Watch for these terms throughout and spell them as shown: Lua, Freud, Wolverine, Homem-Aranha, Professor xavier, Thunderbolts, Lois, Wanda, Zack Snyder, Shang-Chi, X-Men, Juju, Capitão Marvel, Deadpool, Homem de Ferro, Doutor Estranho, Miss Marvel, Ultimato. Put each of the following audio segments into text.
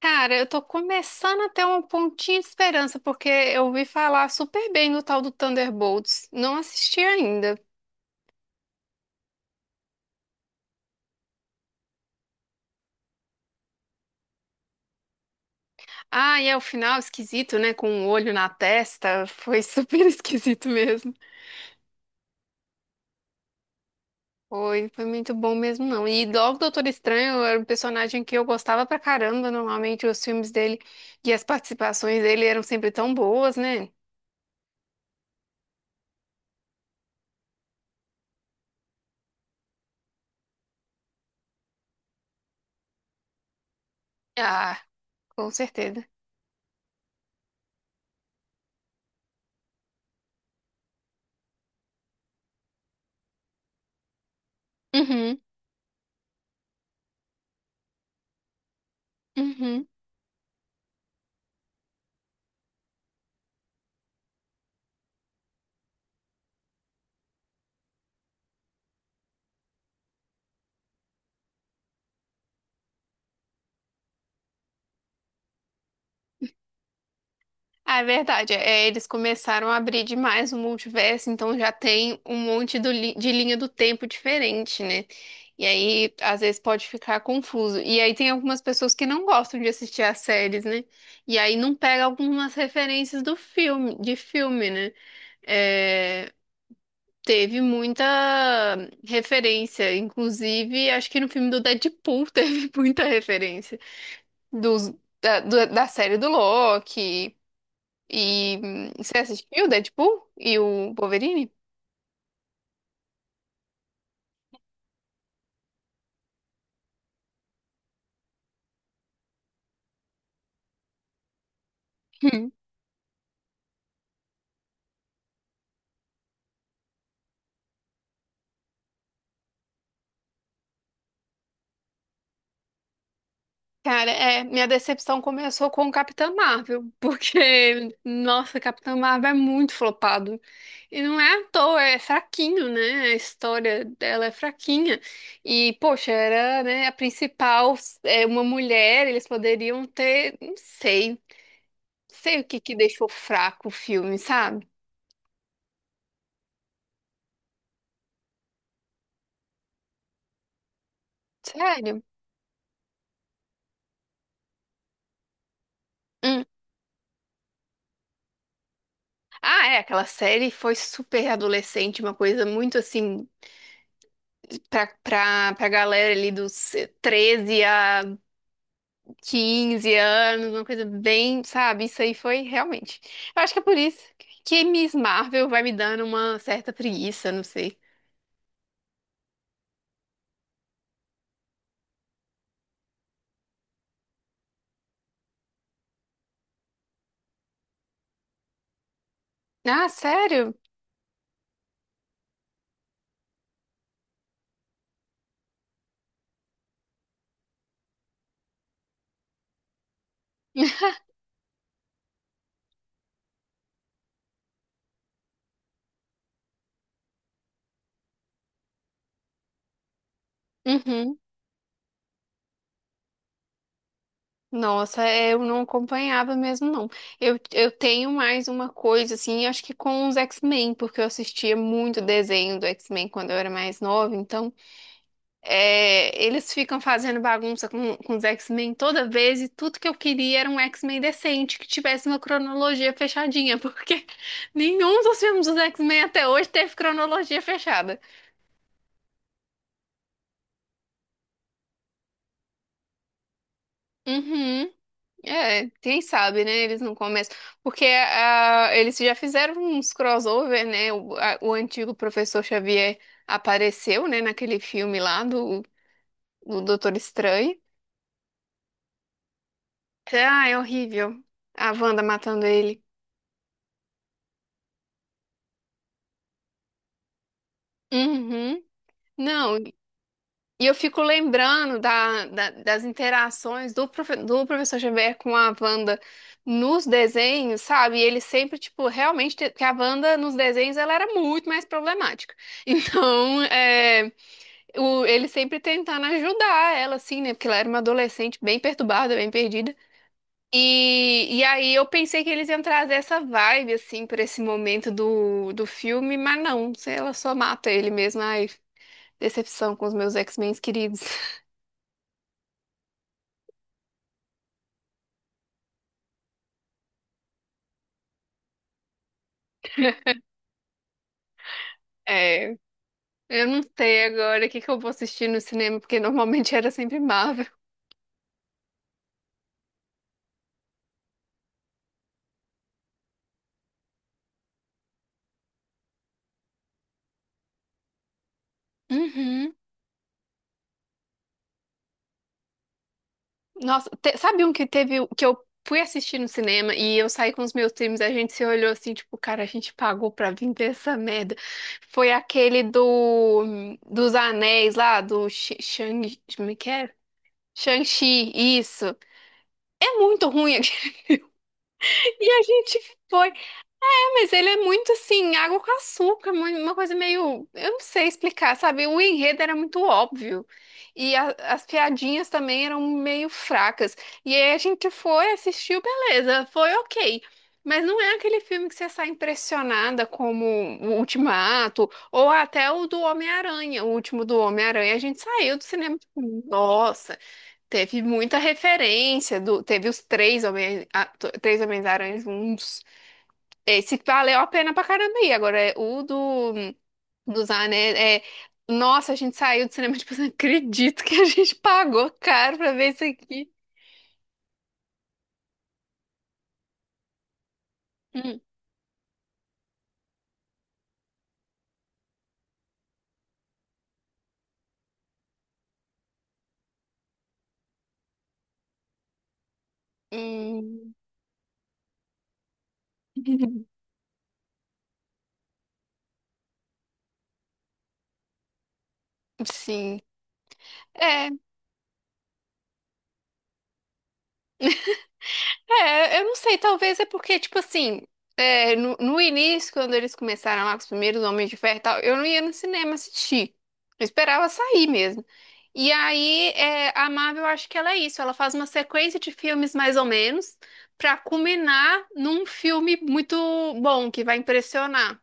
Cara, eu tô começando a ter um pontinho de esperança, porque eu ouvi falar super bem do tal do Thunderbolts. Não assisti ainda. Ah, e é o final esquisito, né? Com um olho na testa. Foi super esquisito mesmo. Foi muito bom mesmo, não. E logo o Doutor Estranho era um personagem que eu gostava pra caramba. Normalmente os filmes dele e as participações dele eram sempre tão boas, né? Ah, com certeza. Uhum, uhum. Ah, é verdade. É, eles começaram a abrir demais o multiverso, então já tem um monte de linha do tempo diferente, né? E aí, às vezes, pode ficar confuso. E aí tem algumas pessoas que não gostam de assistir as séries, né? E aí não pega algumas referências do filme, de filme, né? É, teve muita referência, inclusive, acho que no filme do Deadpool teve muita referência dos, da série do Loki. E você assistiu o Deadpool e o Wolverine? Hum. Cara, é, minha decepção começou com o Capitão Marvel, porque, nossa, Capitão Marvel é muito flopado. E não é à toa, é fraquinho, né? A história dela é fraquinha. E, poxa, era, né, a principal, é uma mulher, eles poderiam ter, não sei, sei o que que deixou fraco o filme, sabe? Sério. Hum. Ah, é, aquela série foi super adolescente, uma coisa muito assim pra galera ali dos 13 a 15 anos, uma coisa bem, sabe? Isso aí foi realmente. Eu acho que é por isso que Miss Marvel vai me dando uma certa preguiça, não sei. Ah, sério? Uhum. Nossa, é, eu não acompanhava mesmo, não. Eu tenho mais uma coisa, assim, acho que com os X-Men, porque eu assistia muito desenho do X-Men quando eu era mais nova, então é, eles ficam fazendo bagunça com os X-Men toda vez e tudo que eu queria era um X-Men decente, que tivesse uma cronologia fechadinha, porque nenhum dos filmes dos X-Men até hoje teve cronologia fechada. Uhum. É, quem sabe, né? Eles não começam. Porque ah, eles já fizeram uns crossover, né? O antigo professor Xavier apareceu, né, naquele filme lá do Doutor Estranho. Ah, é horrível. A Wanda matando ele. Uhum. Não, e eu fico lembrando das interações do professor Xavier com a Wanda nos desenhos, sabe? E ele sempre, tipo, realmente, que a Wanda nos desenhos ela era muito mais problemática. Então, é, ele sempre tentando ajudar ela, assim, né? Porque ela era uma adolescente bem perturbada, bem perdida. E aí eu pensei que eles iam trazer essa vibe, assim, pra esse momento do filme, mas não, ela só mata ele mesmo. Decepção com os meus X-Men queridos. É, eu não sei agora o que que eu vou assistir no cinema, porque normalmente era sempre Marvel. Uhum. Nossa, te- sabe um que teve, que eu fui assistir no cinema e eu saí com os meus times, a gente se olhou assim, tipo, cara, a gente pagou pra vir ver essa merda. Foi aquele dos anéis lá, do Shang, como é que é? Shang-Chi, isso. É muito ruim. E a gente foi. Mas ele é muito assim, água com açúcar, mu- uma coisa meio. Eu não sei explicar, sabe? O enredo era muito óbvio. E as piadinhas também eram meio fracas. E aí a gente foi, assistiu, beleza, foi ok. Mas não é aquele filme que você sai impressionada como o Ultimato, ou até o do Homem-Aranha, o último do Homem-Aranha. A gente saiu do cinema, tipo, nossa, teve muita referência, do, teve os três Homens, três Homens-Aranhas, um esse valeu a pena pra caramba aí. Agora, é, o dos anéis é. Nossa, a gente saiu do cinema, tipo, não acredito que a gente pagou caro pra ver isso aqui. Hum, hum. Sim. É, é, eu não sei, talvez é porque, tipo assim, é, no início, quando eles começaram lá com os primeiros Homens de Ferro e tal, eu não ia no cinema assistir. Eu esperava sair mesmo. E aí, é, a Marvel, eu acho que ela é isso. Ela faz uma sequência de filmes mais ou menos pra culminar num filme muito bom, que vai impressionar.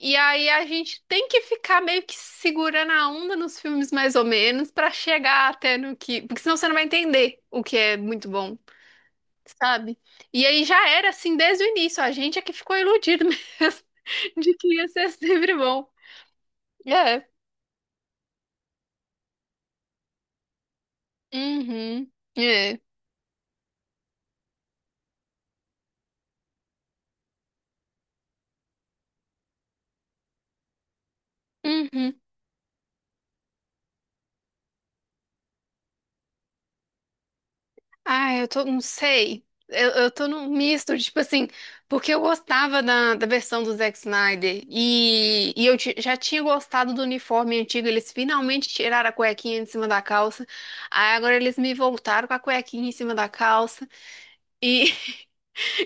E aí a gente tem que ficar meio que segurando a onda nos filmes mais ou menos pra chegar até no que... Porque senão você não vai entender o que é muito bom sabe? E aí já era assim desde o início, a gente é que ficou iludido mesmo de que ia ser sempre bom. É. Uhum. É. Uhum. Ah, eu tô, não sei. Eu tô num misto, tipo assim, porque eu gostava da versão do Zack Snyder e eu já tinha gostado do uniforme antigo. Eles finalmente tiraram a cuequinha de cima da calça. Aí agora eles me voltaram com a cuequinha em cima da calça. E,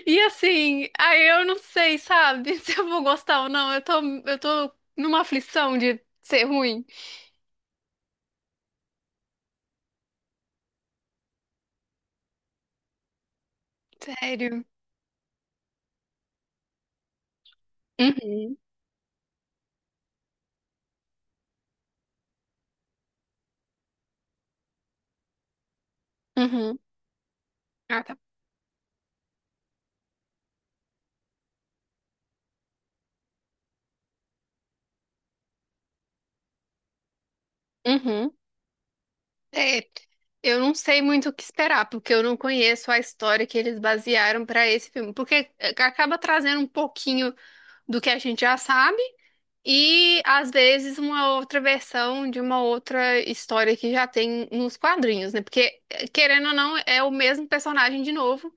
e assim, aí eu não sei, sabe, se eu vou gostar ou não. Eu tô numa aflição de ser ruim. Sério. Uhum. Uhum. Ah, tá. Uhum. É, eu não sei muito o que esperar, porque eu não conheço a história que eles basearam pra esse filme. Porque acaba trazendo um pouquinho do que a gente já sabe e, às vezes, uma outra versão de uma outra história que já tem nos quadrinhos, né? Porque, querendo ou não, é o mesmo personagem de novo.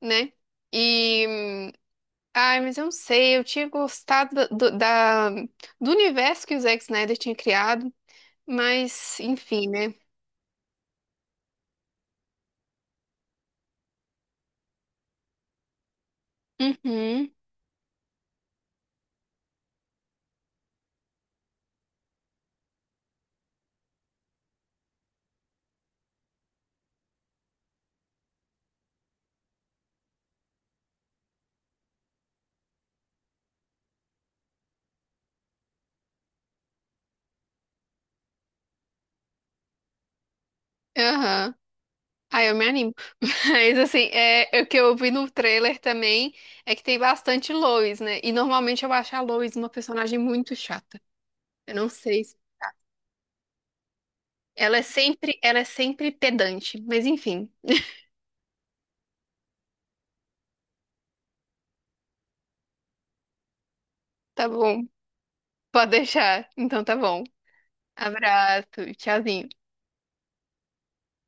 Né? E, ai, mas eu não sei, eu tinha gostado do universo que o Zack Snyder tinha criado, mas, enfim, né? Uhum, aham. Ai, eu me animo. Mas, assim, é, o que eu vi no trailer também é que tem bastante Lois, né? E normalmente eu acho a Lois uma personagem muito chata. Eu não sei. Se- ela é sempre pedante, mas enfim, tá bom. Pode deixar. Então tá bom. Abraço, tchauzinho.